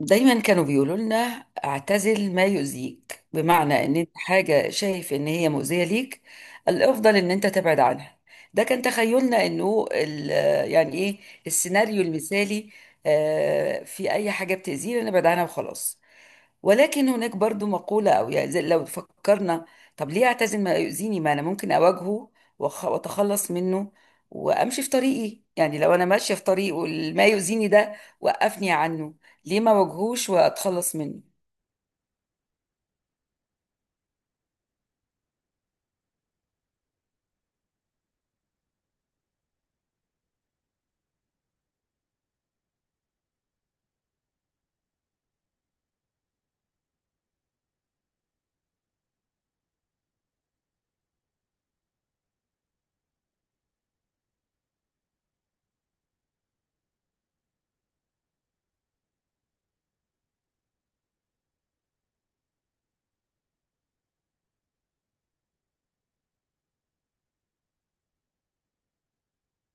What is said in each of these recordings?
دايما كانوا بيقولوا لنا اعتزل ما يؤذيك، بمعنى ان انت حاجة شايف ان هي مؤذية ليك الافضل ان انت تبعد عنها. ده كان تخيلنا انه يعني ايه، السيناريو المثالي. في اي حاجة بتأذينا نبعد عنها وخلاص. ولكن هناك برضو مقولة او يعني لو فكرنا، طب ليه اعتزل ما يؤذيني؟ ما انا ممكن اواجهه واتخلص منه وامشي في طريقي. يعني لو انا ماشية في طريق والما يؤذيني ده وقفني عنه، ليه ما واجهوش واتخلص منه؟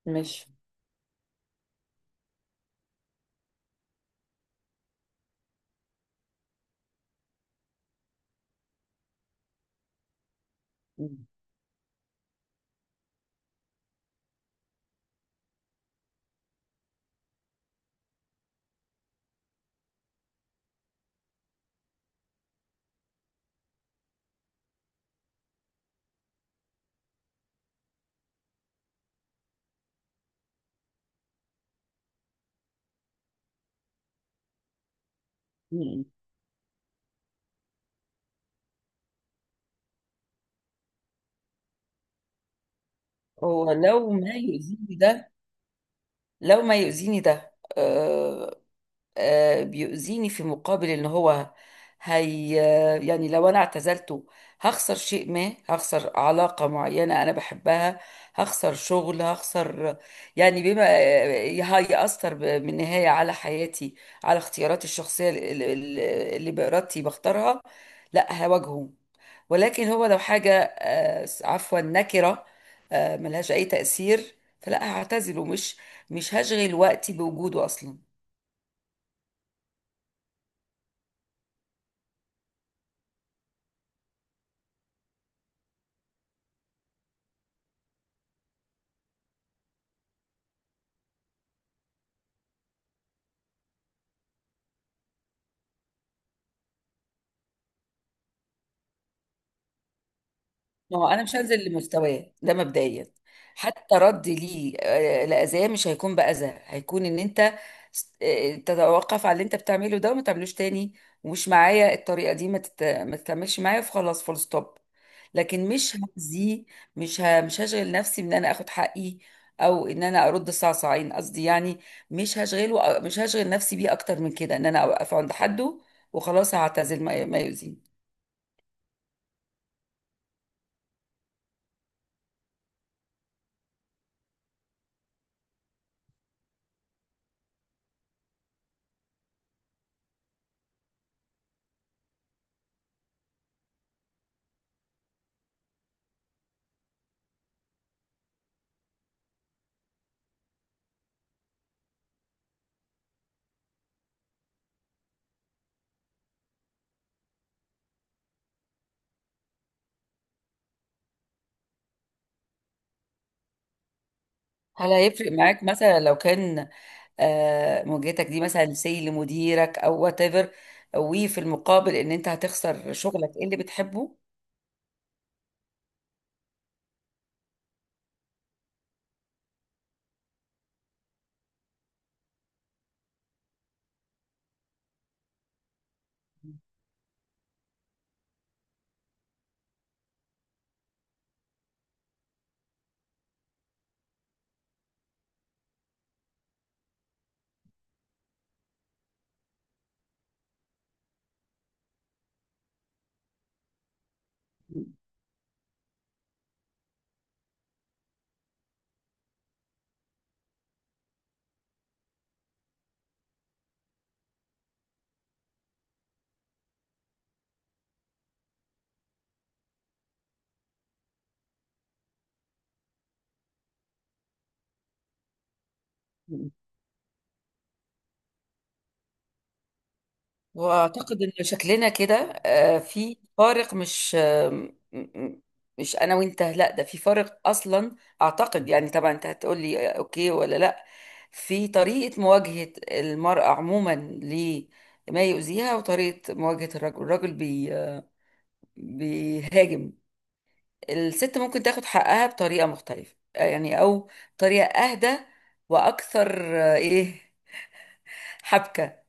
مش هو لو ما يؤذيني ده، لو ما يؤذيني ده آه، بيؤذيني في مقابل ان هو، هي آه، يعني لو انا اعتزلته هخسر شيء ما، هخسر علاقة معينة انا بحبها، هخسر شغل، هخسر، يعني بما هيأثر بالنهاية على حياتي، على اختياراتي الشخصية اللي بإرادتي بختارها. لا، هواجهه. ولكن هو لو حاجة عفوا، نكرة، ملهاش أي تأثير، فلا هعتزله، مش هشغل وقتي بوجوده أصلا. ما هو انا مش هنزل لمستواه ده مبدئيا. حتى رد ليه لاذاه مش هيكون باذى، هيكون ان انت تتوقف على اللي انت بتعمله ده وما تعملوش تاني، ومش معايا الطريقه دي ما تكملش معايا فخلاص، فول ستوب. لكن مش هأذيه، مش هشغل نفسي بان انا اخد حقي او ان انا ارد صعصعين، قصدي يعني مش هشغل نفسي بيه اكتر من كده، ان انا اوقف عند حده وخلاص، هعتزل ما يؤذيني. هل هيفرق معاك مثلا لو كان مواجهتك دي مثلا سي لمديرك او وات ايفر، وفي المقابل ان انت هتخسر شغلك إيه اللي بتحبه؟ واعتقد ان شكلنا كده في فارق، مش آه، م- م- مش انا وانت، لا، ده في فارق اصلا. اعتقد يعني طبعا انت هتقول لي اوكي ولا لا، في طريقة مواجهة المرأة عموما لما يؤذيها، وطريقة مواجهة الرجل. الرجل بي آه، بيهاجم، الست ممكن تاخد حقها بطريقة مختلفة، يعني أو طريقة أهدى وأكثر إيه، حبكة.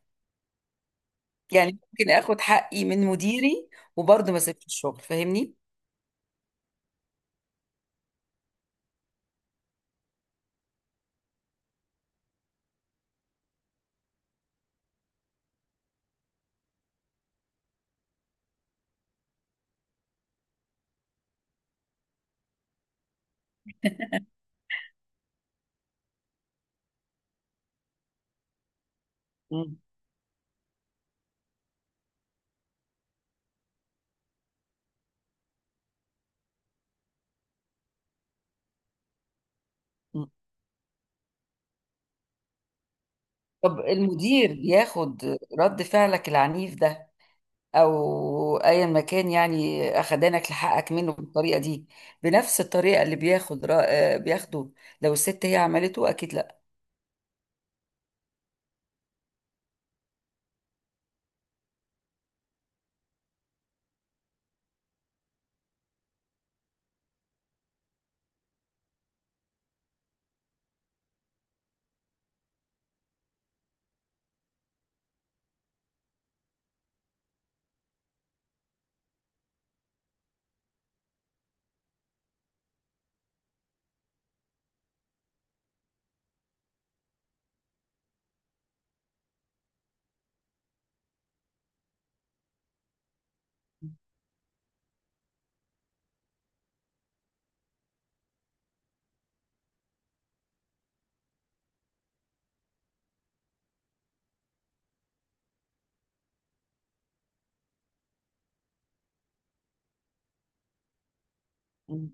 يعني ممكن آخد حقي من مديري وبرضه ما سيبش الشغل، فاهمني؟ مم. مم. طب المدير ياخد رد فعلك العنيف ده أو أيا ما كان، يعني أخدانك لحقك منه بالطريقة دي بنفس الطريقة اللي بياخد رأ... آه، بياخده لو الست هي عملته؟ أكيد لأ. مم.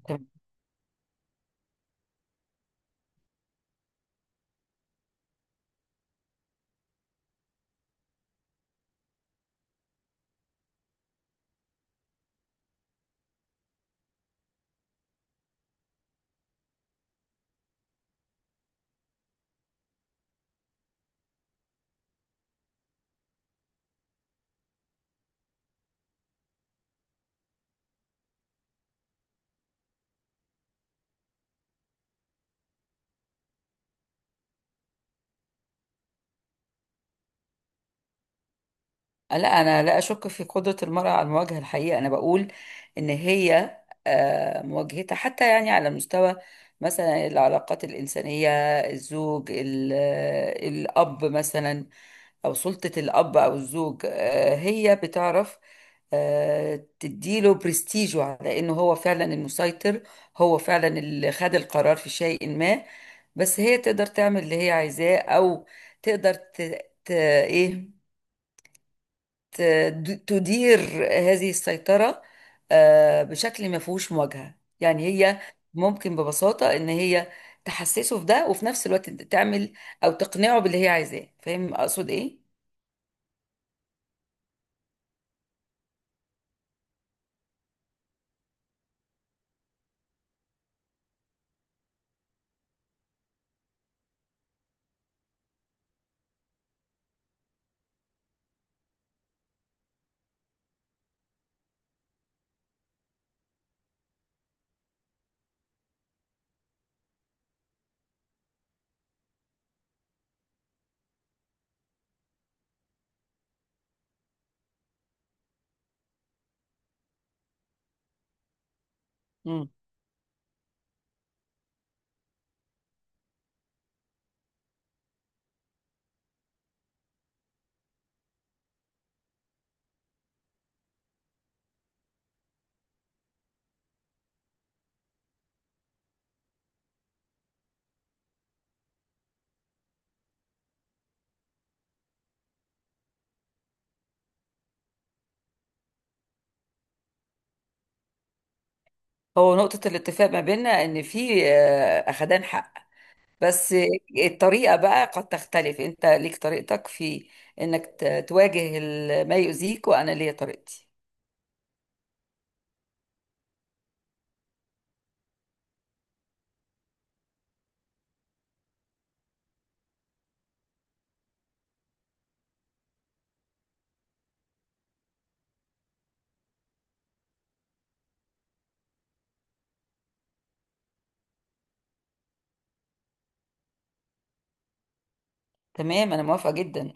لا، انا لا اشك في قدره المراه على المواجهه. الحقيقه انا بقول ان هي مواجهتها حتى يعني على مستوى مثلا العلاقات الانسانيه، الزوج ال- آه، الاب مثلا او سلطه الاب او الزوج، هي بتعرف تديله برستيجه على انه هو فعلا المسيطر، هو فعلا اللي خد القرار في شيء ما، بس هي تقدر تعمل اللي هي عايزاه. او تقدر ايه، تدير هذه السيطرة بشكل ما فيهوش مواجهة. يعني هي ممكن ببساطة ان هي تحسسه في ده وفي نفس الوقت تعمل او تقنعه باللي هي عايزاه، فاهم اقصد ايه؟ مم. هو نقطة الاتفاق ما بيننا ان في اخدان حق، بس الطريقة بقى قد تختلف. انت ليك طريقتك في انك تواجه ما يؤذيك، وانا ليا طريقتي. تمام، انا موافقة جدا.